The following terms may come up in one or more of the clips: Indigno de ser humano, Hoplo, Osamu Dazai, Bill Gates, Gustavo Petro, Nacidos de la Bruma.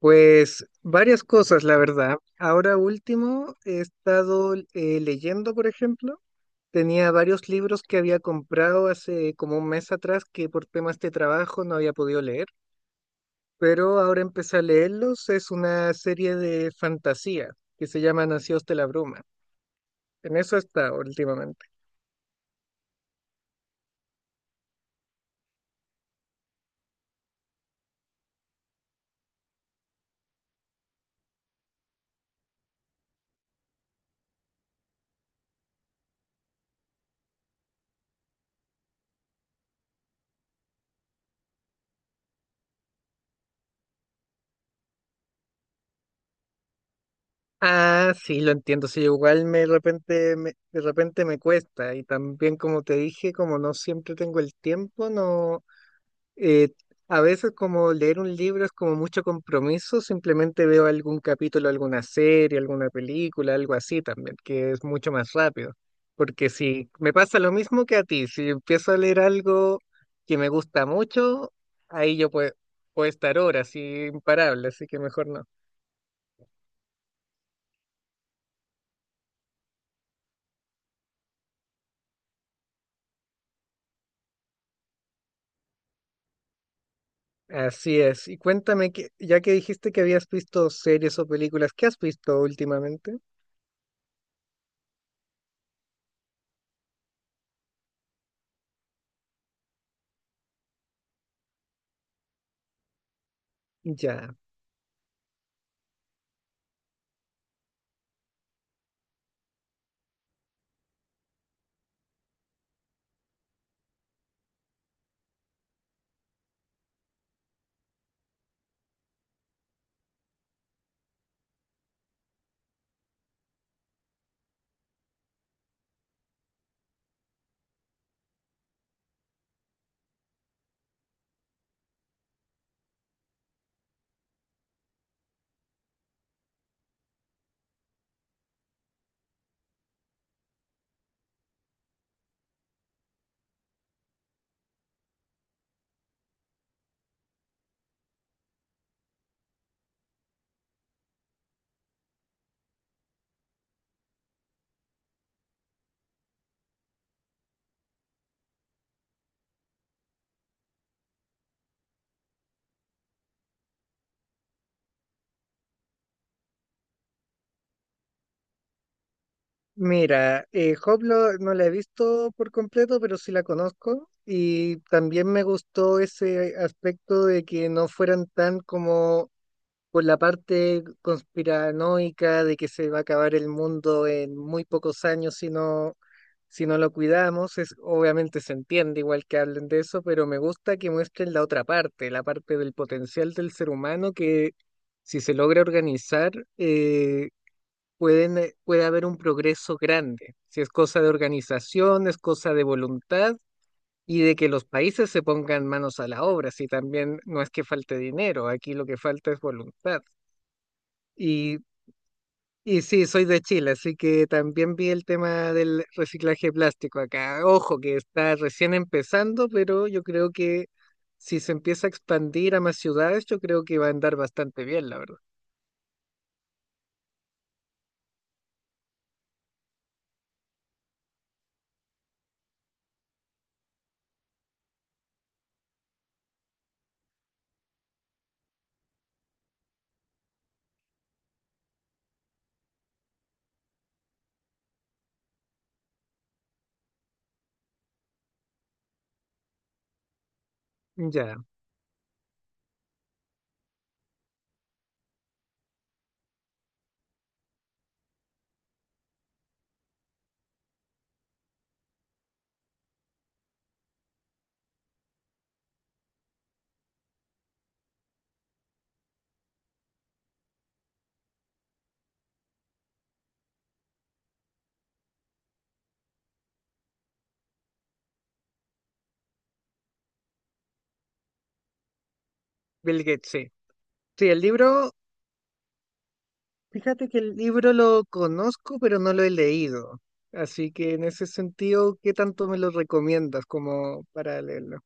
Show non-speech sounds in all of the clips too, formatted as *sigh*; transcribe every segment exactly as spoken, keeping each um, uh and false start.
Pues varias cosas, la verdad. Ahora último, he estado eh, leyendo, por ejemplo. Tenía varios libros que había comprado hace como un mes atrás que por temas de trabajo no había podido leer, pero ahora empecé a leerlos. Es una serie de fantasía que se llama Nacidos de la Bruma. En eso está últimamente. Ah, sí, lo entiendo. Sí, igual me de repente me, de repente me cuesta y también como te dije, como no siempre tengo el tiempo, no. Eh, a veces como leer un libro es como mucho compromiso, simplemente veo algún capítulo, alguna serie, alguna película, algo así también, que es mucho más rápido. Porque si me pasa lo mismo que a ti, si empiezo a leer algo que me gusta mucho, ahí yo puedo, puedo estar horas y imparable, así que mejor no. Así es. Y cuéntame, que, ya que dijiste que habías visto series o películas, ¿qué has visto últimamente? Ya. Mira, eh, Hoplo no la he visto por completo, pero sí la conozco. Y también me gustó ese aspecto de que no fueran tan como por la parte conspiranoica de que se va a acabar el mundo en muy pocos años si no, si no lo cuidamos. Es, obviamente se entiende igual que hablen de eso, pero me gusta que muestren la otra parte, la parte del potencial del ser humano que si se logra organizar, eh, pueden, eh, puede haber un progreso grande. Si es cosa de organización, es cosa de voluntad y de que los países se pongan manos a la obra. Si también no es que falte dinero, aquí lo que falta es voluntad. Y, y sí, soy de Chile, así que también vi el tema del reciclaje plástico acá. Ojo, que está recién empezando, pero yo creo que si se empieza a expandir a más ciudades, yo creo que va a andar bastante bien, la verdad. Ya, Bill Gates, sí. Sí, el libro. Fíjate que el libro lo conozco, pero no lo he leído. Así que en ese sentido, ¿qué tanto me lo recomiendas como para leerlo?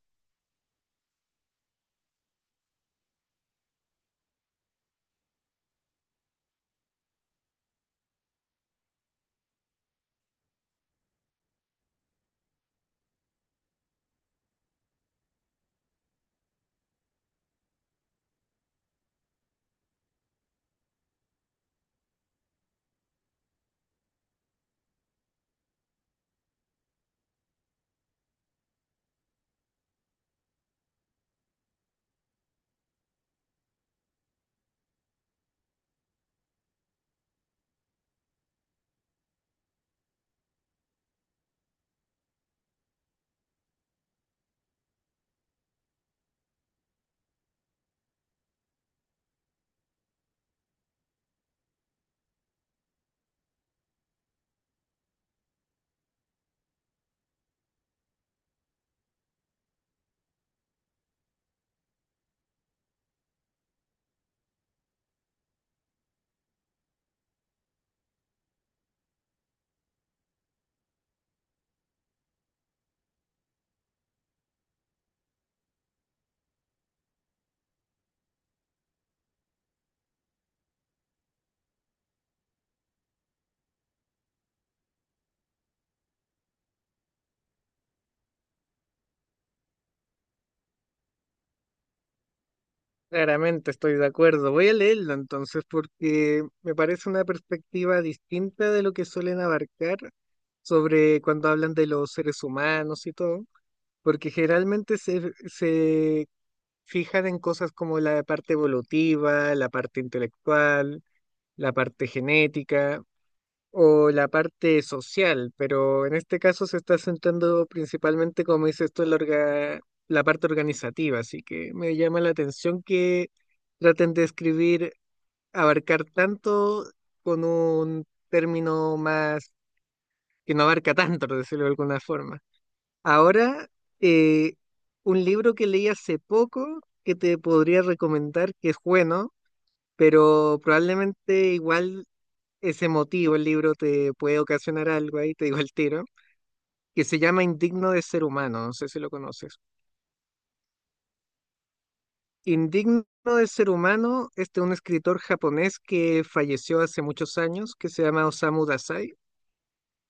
Claramente estoy de acuerdo. Voy a leerlo entonces porque me parece una perspectiva distinta de lo que suelen abarcar sobre cuando hablan de los seres humanos y todo, porque generalmente se, se fijan en cosas como la parte evolutiva, la parte intelectual, la parte genética, o la parte social, pero en este caso se está centrando principalmente, como dices tú, en la, orga- la parte organizativa, así que me llama la atención que traten de escribir, abarcar tanto con un término más que no abarca tanto, por decirlo de alguna forma. Ahora, eh, un libro que leí hace poco que te podría recomendar, que es bueno, pero probablemente igual ese motivo, el libro te puede ocasionar algo ahí, te digo el tiro, que se llama Indigno de ser humano, no sé si lo conoces. Indigno de ser humano es de un escritor japonés que falleció hace muchos años, que se llama Osamu Dazai,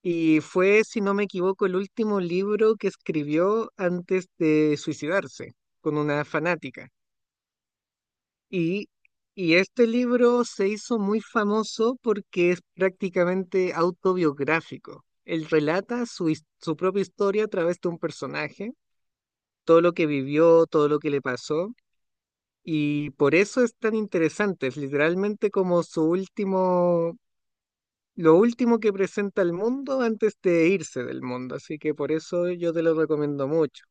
y fue, si no me equivoco, el último libro que escribió antes de suicidarse con una fanática. Y, y este libro se hizo muy famoso porque es prácticamente autobiográfico. Él relata su, his- su propia historia a través de un personaje, todo lo que vivió, todo lo que le pasó, y por eso es tan interesante. Es literalmente como su último, lo último que presenta al mundo antes de irse del mundo. Así que por eso yo te lo recomiendo mucho.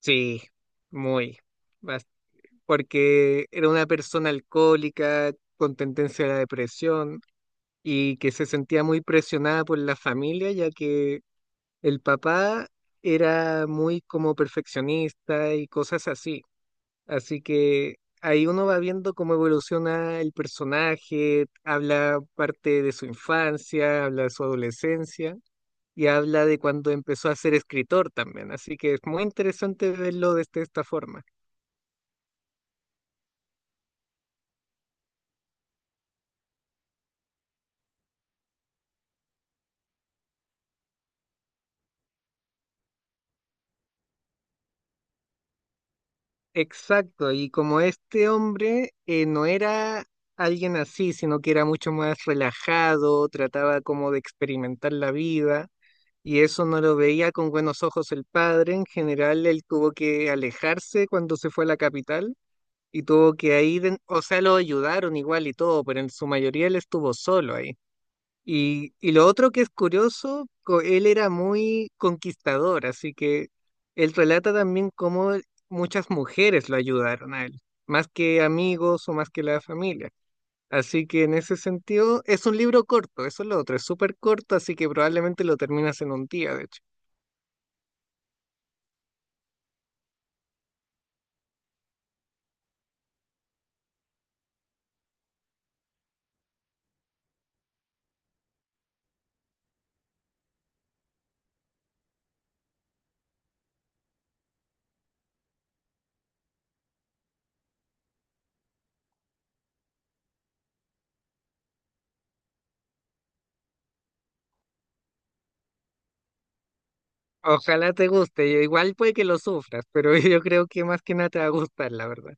Sí, muy. Porque era una persona alcohólica con tendencia a la depresión y que se sentía muy presionada por la familia, ya que el papá era muy como perfeccionista y cosas así. Así que ahí uno va viendo cómo evoluciona el personaje, habla parte de su infancia, habla de su adolescencia. Y habla de cuando empezó a ser escritor también, así que es muy interesante verlo desde esta forma. Exacto, y como este hombre eh, no era alguien así, sino que era mucho más relajado, trataba como de experimentar la vida, y eso no lo veía con buenos ojos el padre, en general él tuvo que alejarse cuando se fue a la capital y tuvo que ahí, den- o sea, lo ayudaron igual y todo, pero en su mayoría él estuvo solo ahí. Y, y lo otro que es curioso, co- él era muy conquistador, así que él relata también cómo muchas mujeres lo ayudaron a él, más que amigos o más que la familia. Así que en ese sentido, es un libro corto, eso es lo otro, es súper corto, así que probablemente lo terminas en un día, de hecho. Ojalá te guste, igual puede que lo sufras, pero *laughs* yo creo que más que nada te va a gustar, la verdad.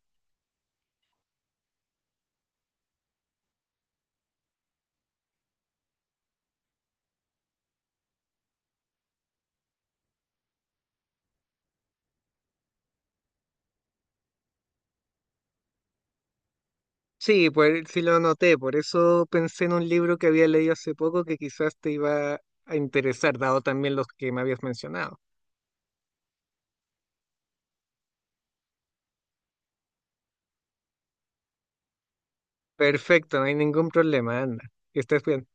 Sí, pues sí lo noté, por eso pensé en un libro que había leído hace poco que quizás te iba a interesar, dado también los que me habías mencionado. Perfecto, no hay ningún problema, anda. Que estés bien.